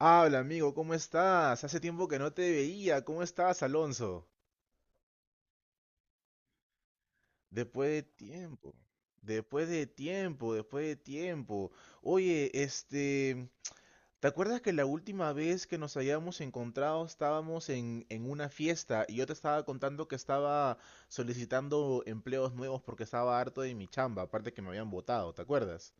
Habla, amigo, ¿cómo estás? Hace tiempo que no te veía. ¿Cómo estás, Alonso? Después de tiempo. Después de tiempo, después de tiempo. Oye, ¿te acuerdas que la última vez que nos habíamos encontrado estábamos en una fiesta y yo te estaba contando que estaba solicitando empleos nuevos porque estaba harto de mi chamba, aparte que me habían votado, ¿te acuerdas?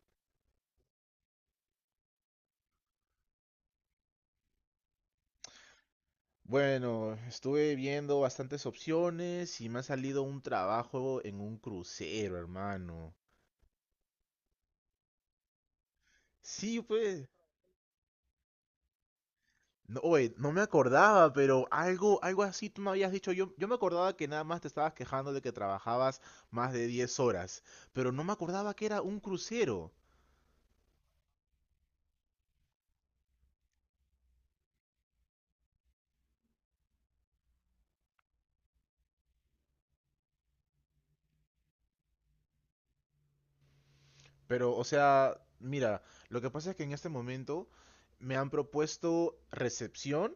Bueno, estuve viendo bastantes opciones y me ha salido un trabajo en un crucero, hermano. Sí, pues. No, oye, no me acordaba, pero algo así tú me habías dicho. Yo me acordaba que nada más te estabas quejando de que trabajabas más de 10 horas, pero no me acordaba que era un crucero. Pero, o sea, mira, lo que pasa es que en este momento me han propuesto recepción,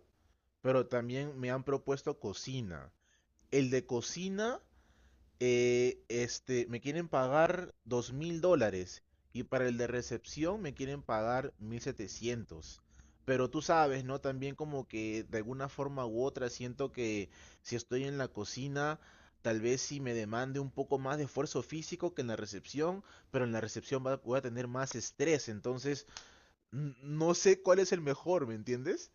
pero también me han propuesto cocina. El de cocina, me quieren pagar 2.000 dólares y para el de recepción me quieren pagar 1.700. Pero tú sabes, ¿no? También como que de alguna forma u otra siento que si estoy en la cocina, tal vez sí me demande un poco más de esfuerzo físico que en la recepción, pero en la recepción voy a tener más estrés, entonces no sé cuál es el mejor, ¿me entiendes?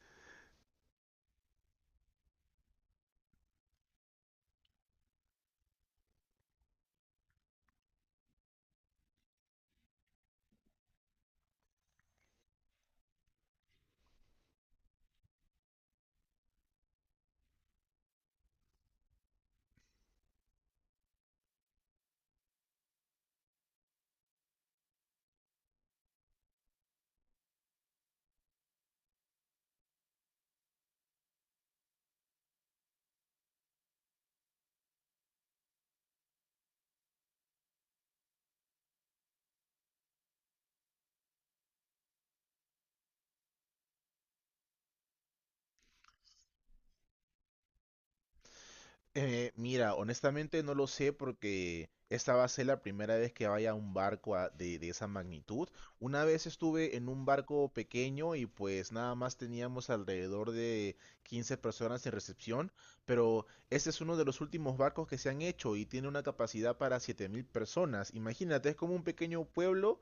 Mira, honestamente no lo sé porque esta va a ser la primera vez que vaya a un barco de esa magnitud. Una vez estuve en un barco pequeño y pues nada más teníamos alrededor de 15 personas en recepción, pero este es uno de los últimos barcos que se han hecho y tiene una capacidad para 7.000 personas. Imagínate, es como un pequeño pueblo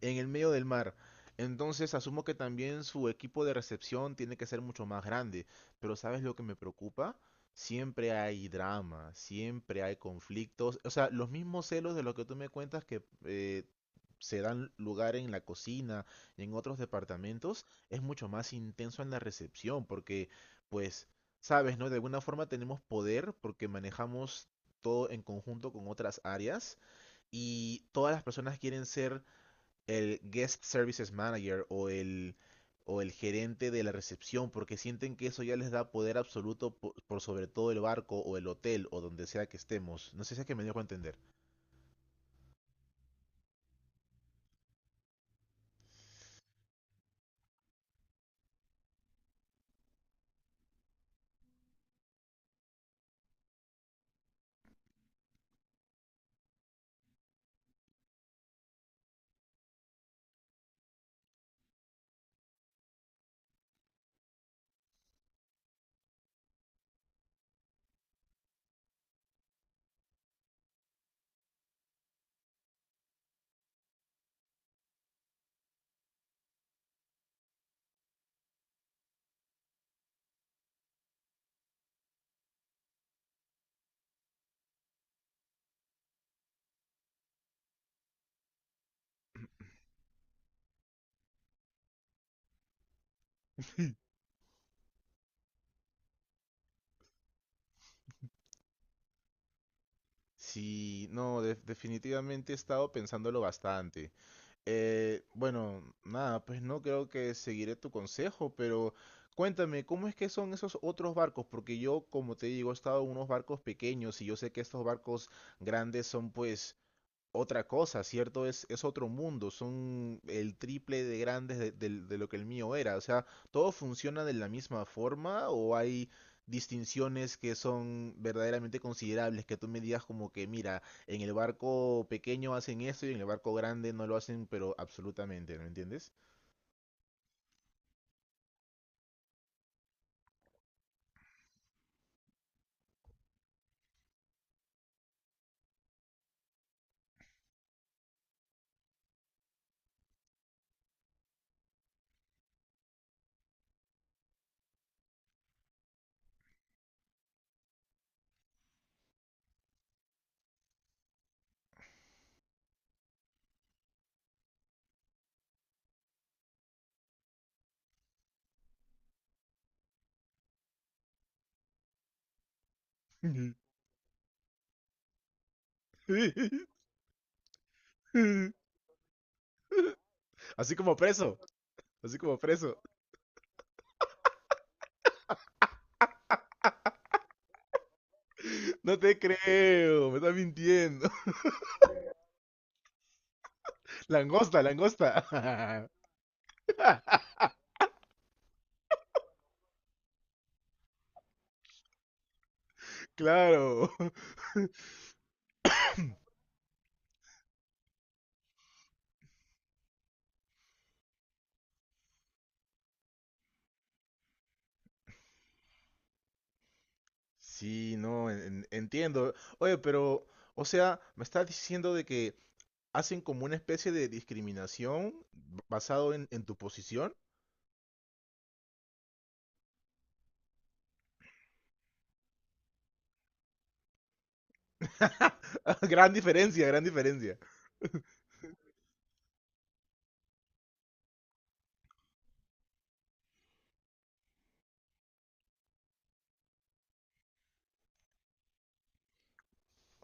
en el medio del mar. Entonces asumo que también su equipo de recepción tiene que ser mucho más grande. Pero, ¿sabes lo que me preocupa? Siempre hay drama, siempre hay conflictos. O sea, los mismos celos de lo que tú me cuentas que se dan lugar en la cocina y en otros departamentos es mucho más intenso en la recepción porque, pues, sabes, ¿no? De alguna forma tenemos poder porque manejamos todo en conjunto con otras áreas y todas las personas quieren ser el guest services manager o el gerente de la recepción, porque sienten que eso ya les da poder absoluto por sobre todo el barco o el hotel o donde sea que estemos. No sé si es que me dejo entender. Sí, no, definitivamente he estado pensándolo bastante. Bueno, nada, pues no creo que seguiré tu consejo, pero cuéntame, ¿cómo es que son esos otros barcos? Porque yo, como te digo, he estado en unos barcos pequeños y yo sé que estos barcos grandes son pues otra cosa, ¿cierto? Es otro mundo, son el triple de grandes de lo que el mío era. O sea, ¿todo funciona de la misma forma o hay distinciones que son verdaderamente considerables? Que tú me digas como que, mira, en el barco pequeño hacen esto y en el barco grande no lo hacen, pero absolutamente, ¿no entiendes? Así como preso, así como preso. No te creo, me estás mintiendo. Langosta, langosta. Claro. Sí, no, entiendo. Oye, pero, o sea, me estás diciendo de que hacen como una especie de discriminación basado en tu posición. Gran diferencia, gran diferencia.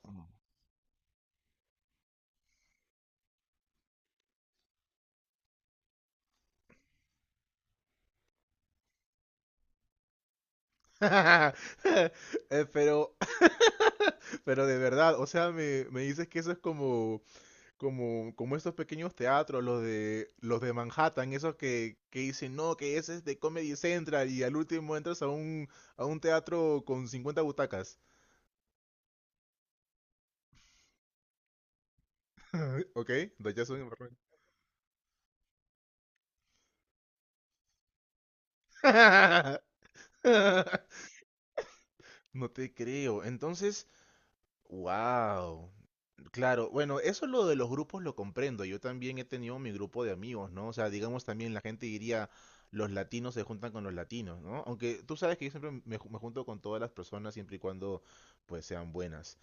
Mm. Pero, pero de verdad, o sea, me dices que eso es como, como estos pequeños teatros, los de Manhattan, esos que dicen, no, que ese es de Comedy Central y al último entras a un teatro con 50 butacas. Ay, ok, Dayazón en Marruecos. No te creo. Entonces, wow. Claro, bueno, eso lo de los grupos lo comprendo. Yo también he tenido mi grupo de amigos, ¿no? O sea, digamos también la gente diría, los latinos se juntan con los latinos, ¿no? Aunque tú sabes que yo siempre me junto con todas las personas siempre y cuando pues sean buenas.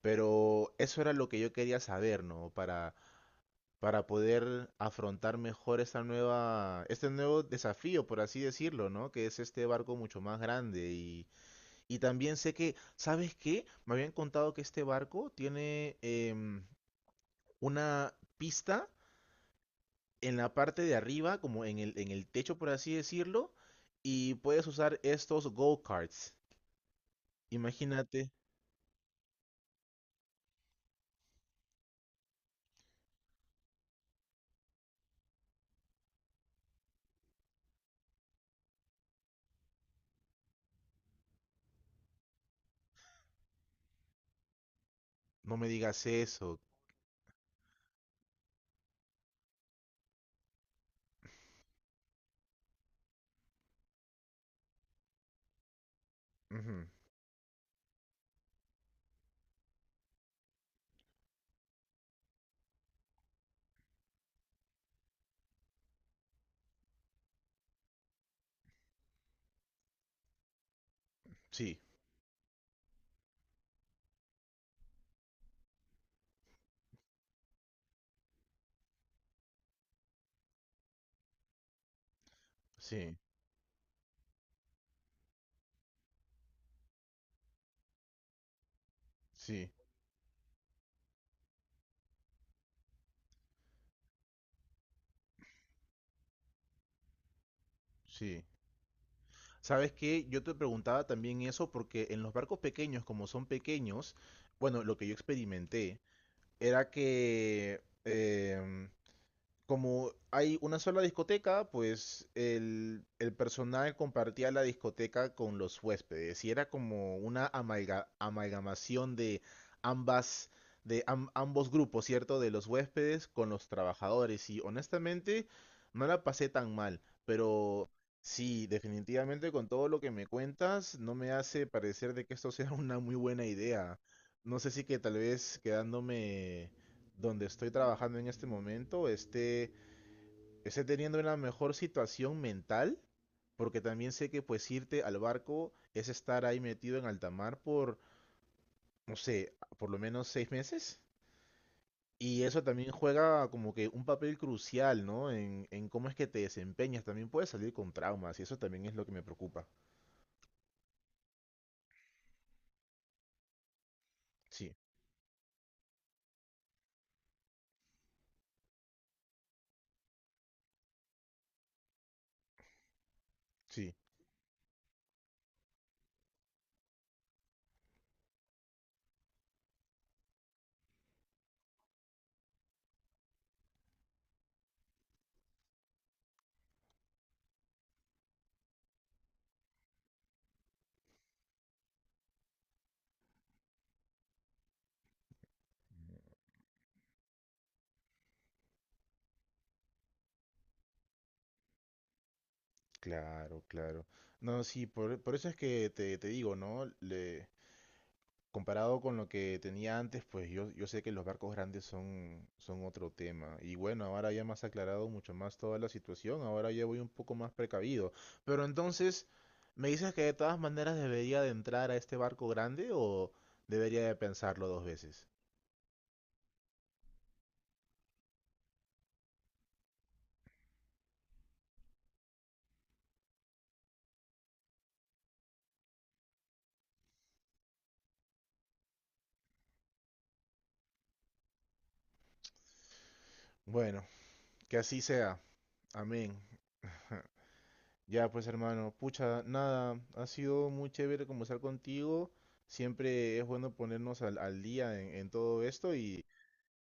Pero eso era lo que yo quería saber, ¿no? Para poder afrontar mejor este nuevo desafío, por así decirlo, ¿no? Que es este barco mucho más grande. Y también sé que, ¿sabes qué? Me habían contado que este barco tiene una pista en la parte de arriba, como en el techo, por así decirlo, y puedes usar estos go-karts. Imagínate, no me digas eso. Ujú, sí, sí, sí, sí. ¿Sabes qué? Yo te preguntaba también eso porque en los barcos pequeños, como son pequeños, bueno, lo que yo experimenté era que como hay una sola discoteca, pues el personal compartía la discoteca con los huéspedes y era como una amalgamación de ambas, ambos grupos, ¿cierto? De los huéspedes con los trabajadores y honestamente no la pasé tan mal, pero sí, definitivamente con todo lo que me cuentas no me hace parecer de que esto sea una muy buena idea. No sé si que tal vez quedándome donde estoy trabajando en este momento esté teniendo una mejor situación mental, porque también sé que pues irte al barco es estar ahí metido en alta mar por, no sé, por lo menos 6 meses. Y eso también juega como que un papel crucial, ¿no? En cómo es que te desempeñas. También puedes salir con traumas y eso también es lo que me preocupa. Sí, sí, claro, claro. No, sí, por eso es que te digo, ¿no? Comparado con lo que tenía antes, pues yo sé que los barcos grandes son otro tema. Y bueno, ahora ya me has aclarado mucho más toda la situación, ahora ya voy un poco más precavido. Pero entonces, ¿me dices que de todas maneras debería de entrar a este barco grande o debería de pensarlo dos veces? Bueno, que así sea. Amén. Ya pues hermano, pucha, nada, ha sido muy chévere conversar contigo. Siempre es bueno ponernos al día en todo esto.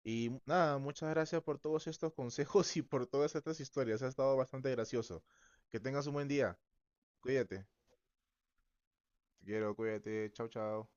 Y nada, muchas gracias por todos estos consejos y por todas estas historias. Ha estado bastante gracioso. Que tengas un buen día. Cuídate. Te quiero, cuídate. Chao, chao.